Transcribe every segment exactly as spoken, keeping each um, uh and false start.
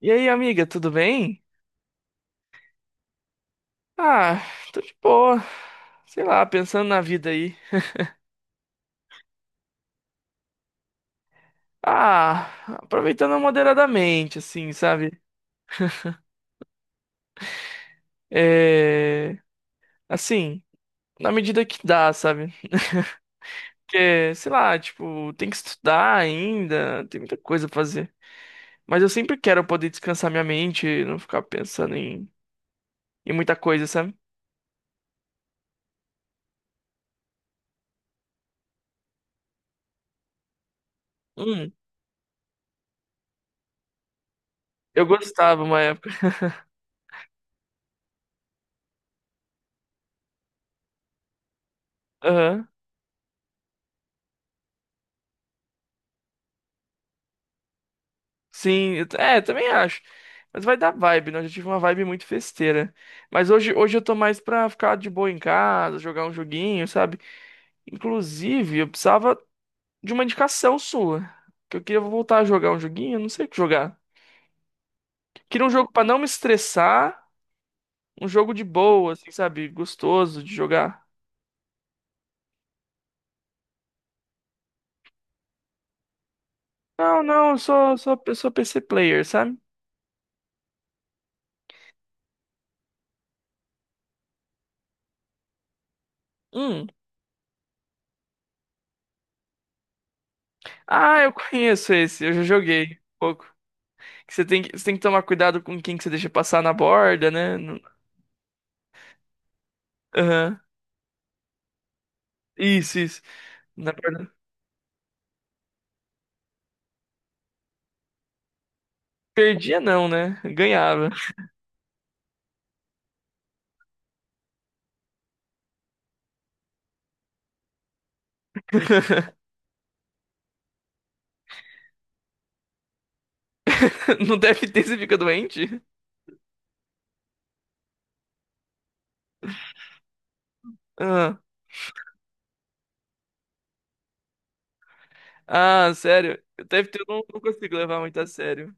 E aí, amiga, tudo bem? Ah, tô de boa. Sei lá, pensando na vida aí. Ah, aproveitando moderadamente, assim, sabe? É. Assim, na medida que dá, sabe? Porque, sei lá, tipo, tem que estudar ainda, tem muita coisa pra fazer. Mas eu sempre quero poder descansar minha mente, não ficar pensando em, em muita coisa, sabe? Hum, eu gostava uma época. Aham. Sim, eu t- é, também acho. Mas vai dar vibe, né? Eu já tive uma vibe muito festeira. Mas hoje, hoje eu tô mais pra ficar de boa em casa, jogar um joguinho, sabe? Inclusive, eu precisava de uma indicação sua. Que eu queria voltar a jogar um joguinho, eu não sei o que jogar. Queria um jogo pra não me estressar, um jogo de boa, assim, sabe? Gostoso de jogar. Não, não, eu sou, sou, eu sou P C player, sabe? Hum. Ah, eu conheço esse, eu já joguei um pouco que Você tem que, você tem que tomar cuidado com quem que você deixa passar na borda, né? Aham. Isso, isso. Na verdade, perdia não, né? Ganhava. Não deve ter, você fica doente? Ah, ah, sério. Deve ter, eu não, não consigo levar muito a sério.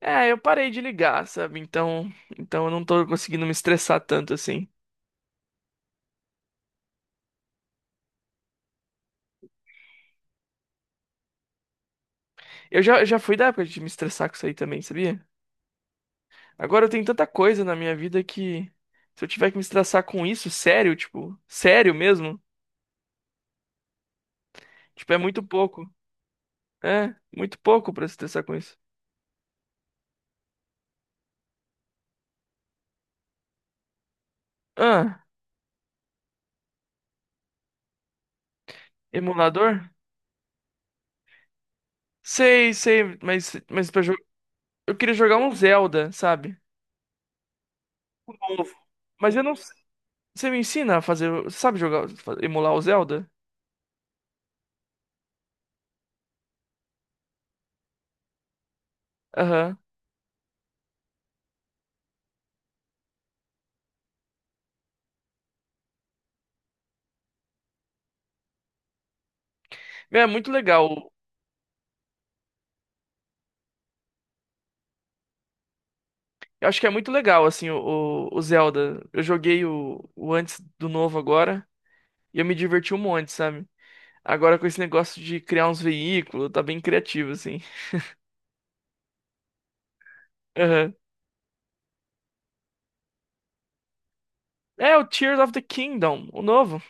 É, eu parei de ligar, sabe? Então, então eu não tô conseguindo me estressar tanto assim. Eu já, eu já fui da época de me estressar com isso aí também, sabia? Agora eu tenho tanta coisa na minha vida que se eu tiver que me estressar com isso, sério, tipo, sério mesmo, tipo, é muito pouco. É, muito pouco pra se estressar com isso. Ah, emulador? Sei, sei, mas, mas pra jo- eu queria jogar um Zelda, sabe? Novo. Mas eu não. s- Você me ensina a fazer. Você sabe jogar, fa- emular o Zelda? Aham. Meu, é muito legal. Eu acho que é muito legal, assim, o, o o Zelda. Eu joguei o, o antes do novo agora e eu me diverti um monte, sabe? Agora com esse negócio de criar uns veículos, tá bem criativo, assim. Aham. É o Tears of the Kingdom, o novo.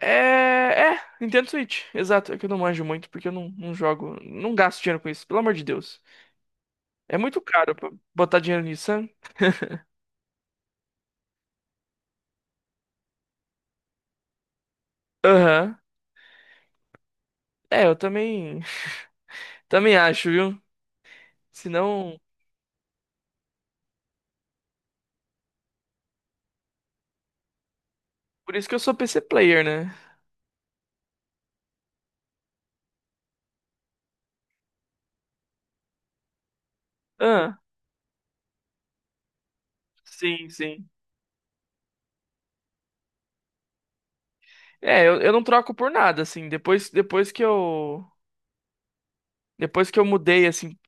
É, é, Nintendo Switch, exato. É que eu não manjo muito porque eu não, não jogo, não gasto dinheiro com isso, pelo amor de Deus. É muito caro pra botar dinheiro nisso, sabe? Aham. É, eu também, também acho, viu? Senão, por isso que eu sou P C player, né? Ah, sim, sim. É, eu, eu não troco por nada, assim. Depois, depois que eu, depois que eu mudei, assim,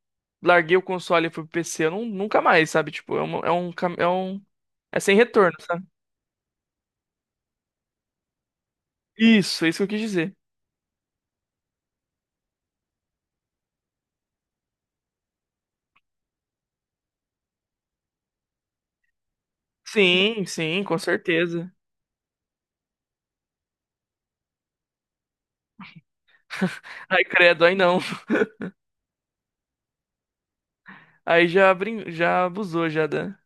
larguei o console e fui pro P C, eu não, nunca mais, sabe? Tipo, é um, é um, cam- é um, é sem retorno, sabe? Isso, é isso que eu quis dizer. Sim, sim, com certeza. Ai, credo, aí não. Aí já, brin... já abusou, já da.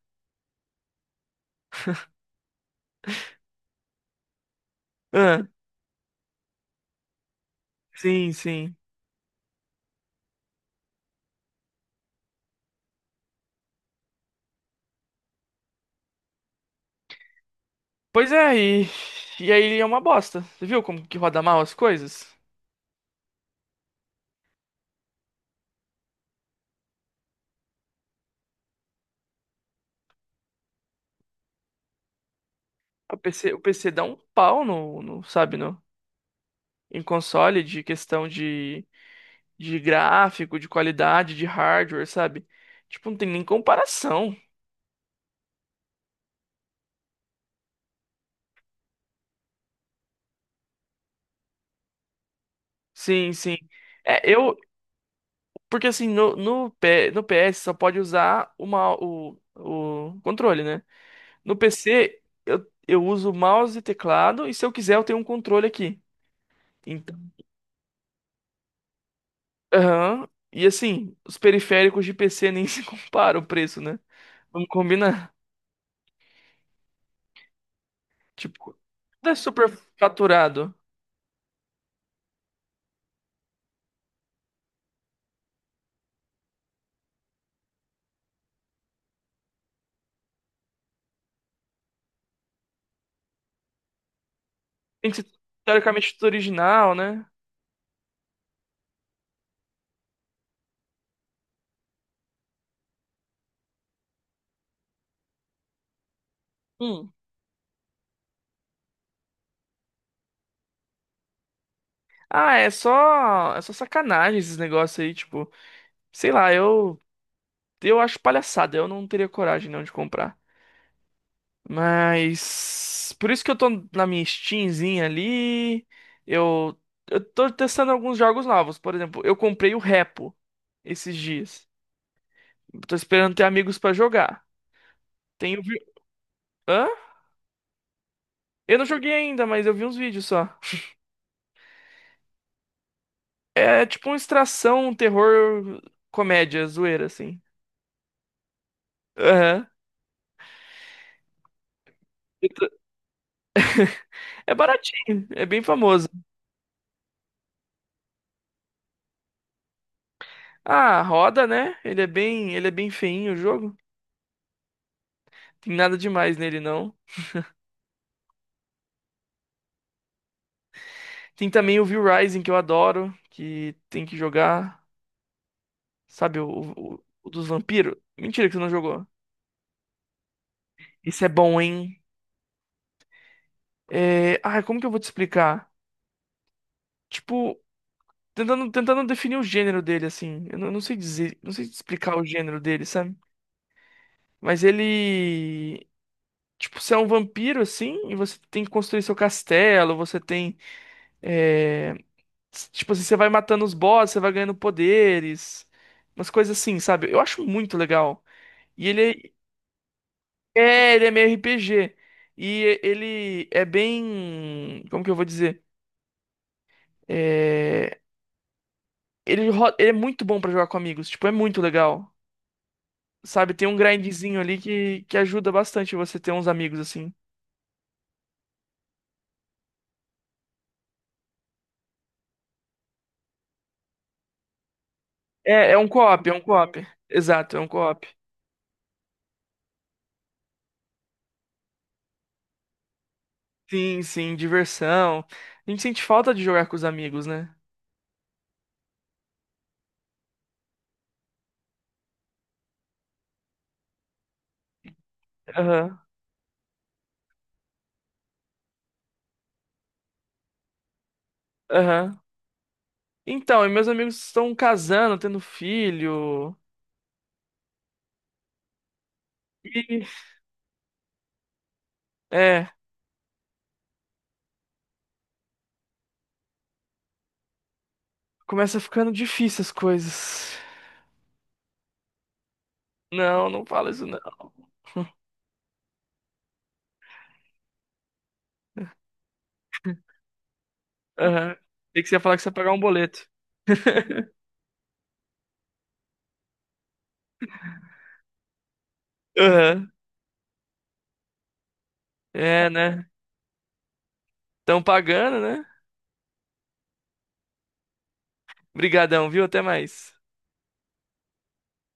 Ah, sim, sim. Pois é, e... e aí é uma bosta. Você viu como que roda mal as coisas? O P C, o P C dá um pau no, no, sabe, no, em console de questão de, de gráfico, de qualidade, de hardware, sabe? Tipo, não tem nem comparação. Sim, sim. É, eu, porque assim, no, no, P, no P S só pode usar uma, o, o controle, né? No P C, eu, eu uso mouse e teclado, e se eu quiser, eu tenho um controle aqui. Então, aham. E assim, os periféricos de P C nem se compara o preço, né? Vamos combinar. Tipo, tudo é super faturado. Tem que ser teoricamente tudo original, né? Hum. Ah, é só, é só sacanagem esses negócios aí, tipo, sei lá, eu eu acho palhaçada, eu não teria coragem não de comprar. Mas por isso que eu tô na minha Steamzinha ali. Eu, eu tô testando alguns jogos novos. Por exemplo, eu comprei o Repo esses dias. Tô esperando ter amigos pra jogar. Tenho vi... Hã? Eu não joguei ainda, mas eu vi uns vídeos só. É tipo uma extração, um terror, comédia, zoeira, assim. Aham. Eu tô- É baratinho, é bem famoso. Ah, roda, né? Ele é bem, ele é bem feinho o jogo. Tem nada demais nele, não. Tem também o Will Rising, que eu adoro, que tem que jogar, sabe, o, o- o dos vampiros. Mentira que você não jogou. Isso é bom, hein? É... Ai, como que eu vou te explicar? Tipo, tentando, tentando definir o gênero dele, assim. Eu não, não sei dizer, não sei explicar o gênero dele, sabe? Mas ele... Tipo, você é um vampiro, assim, e você tem que construir seu castelo, você tem... é, s- Tipo assim, você vai matando os bosses, você vai ganhando poderes, umas coisas assim, sabe? Eu acho muito legal. E ele, é É, ele é meio R P G. E ele é bem. Como que eu vou dizer? É, Ele, ro- ele é muito bom pra jogar com amigos. Tipo, é muito legal. Sabe? Tem um grindzinho ali que, que ajuda bastante você ter uns amigos assim. É, é um co-op, é um co-op. Exato, é um co-op. Sim, sim, diversão. A gente sente falta de jogar com os amigos, né? Aham, aham. Então, e meus amigos estão casando, tendo filho. E. É, começa ficando difícil as coisas. Não, não fala isso não. Aham. Tem que você ia falar que você ia pagar um boleto. Aham. É, né? Estão pagando, né? Brigadão, viu? Até mais.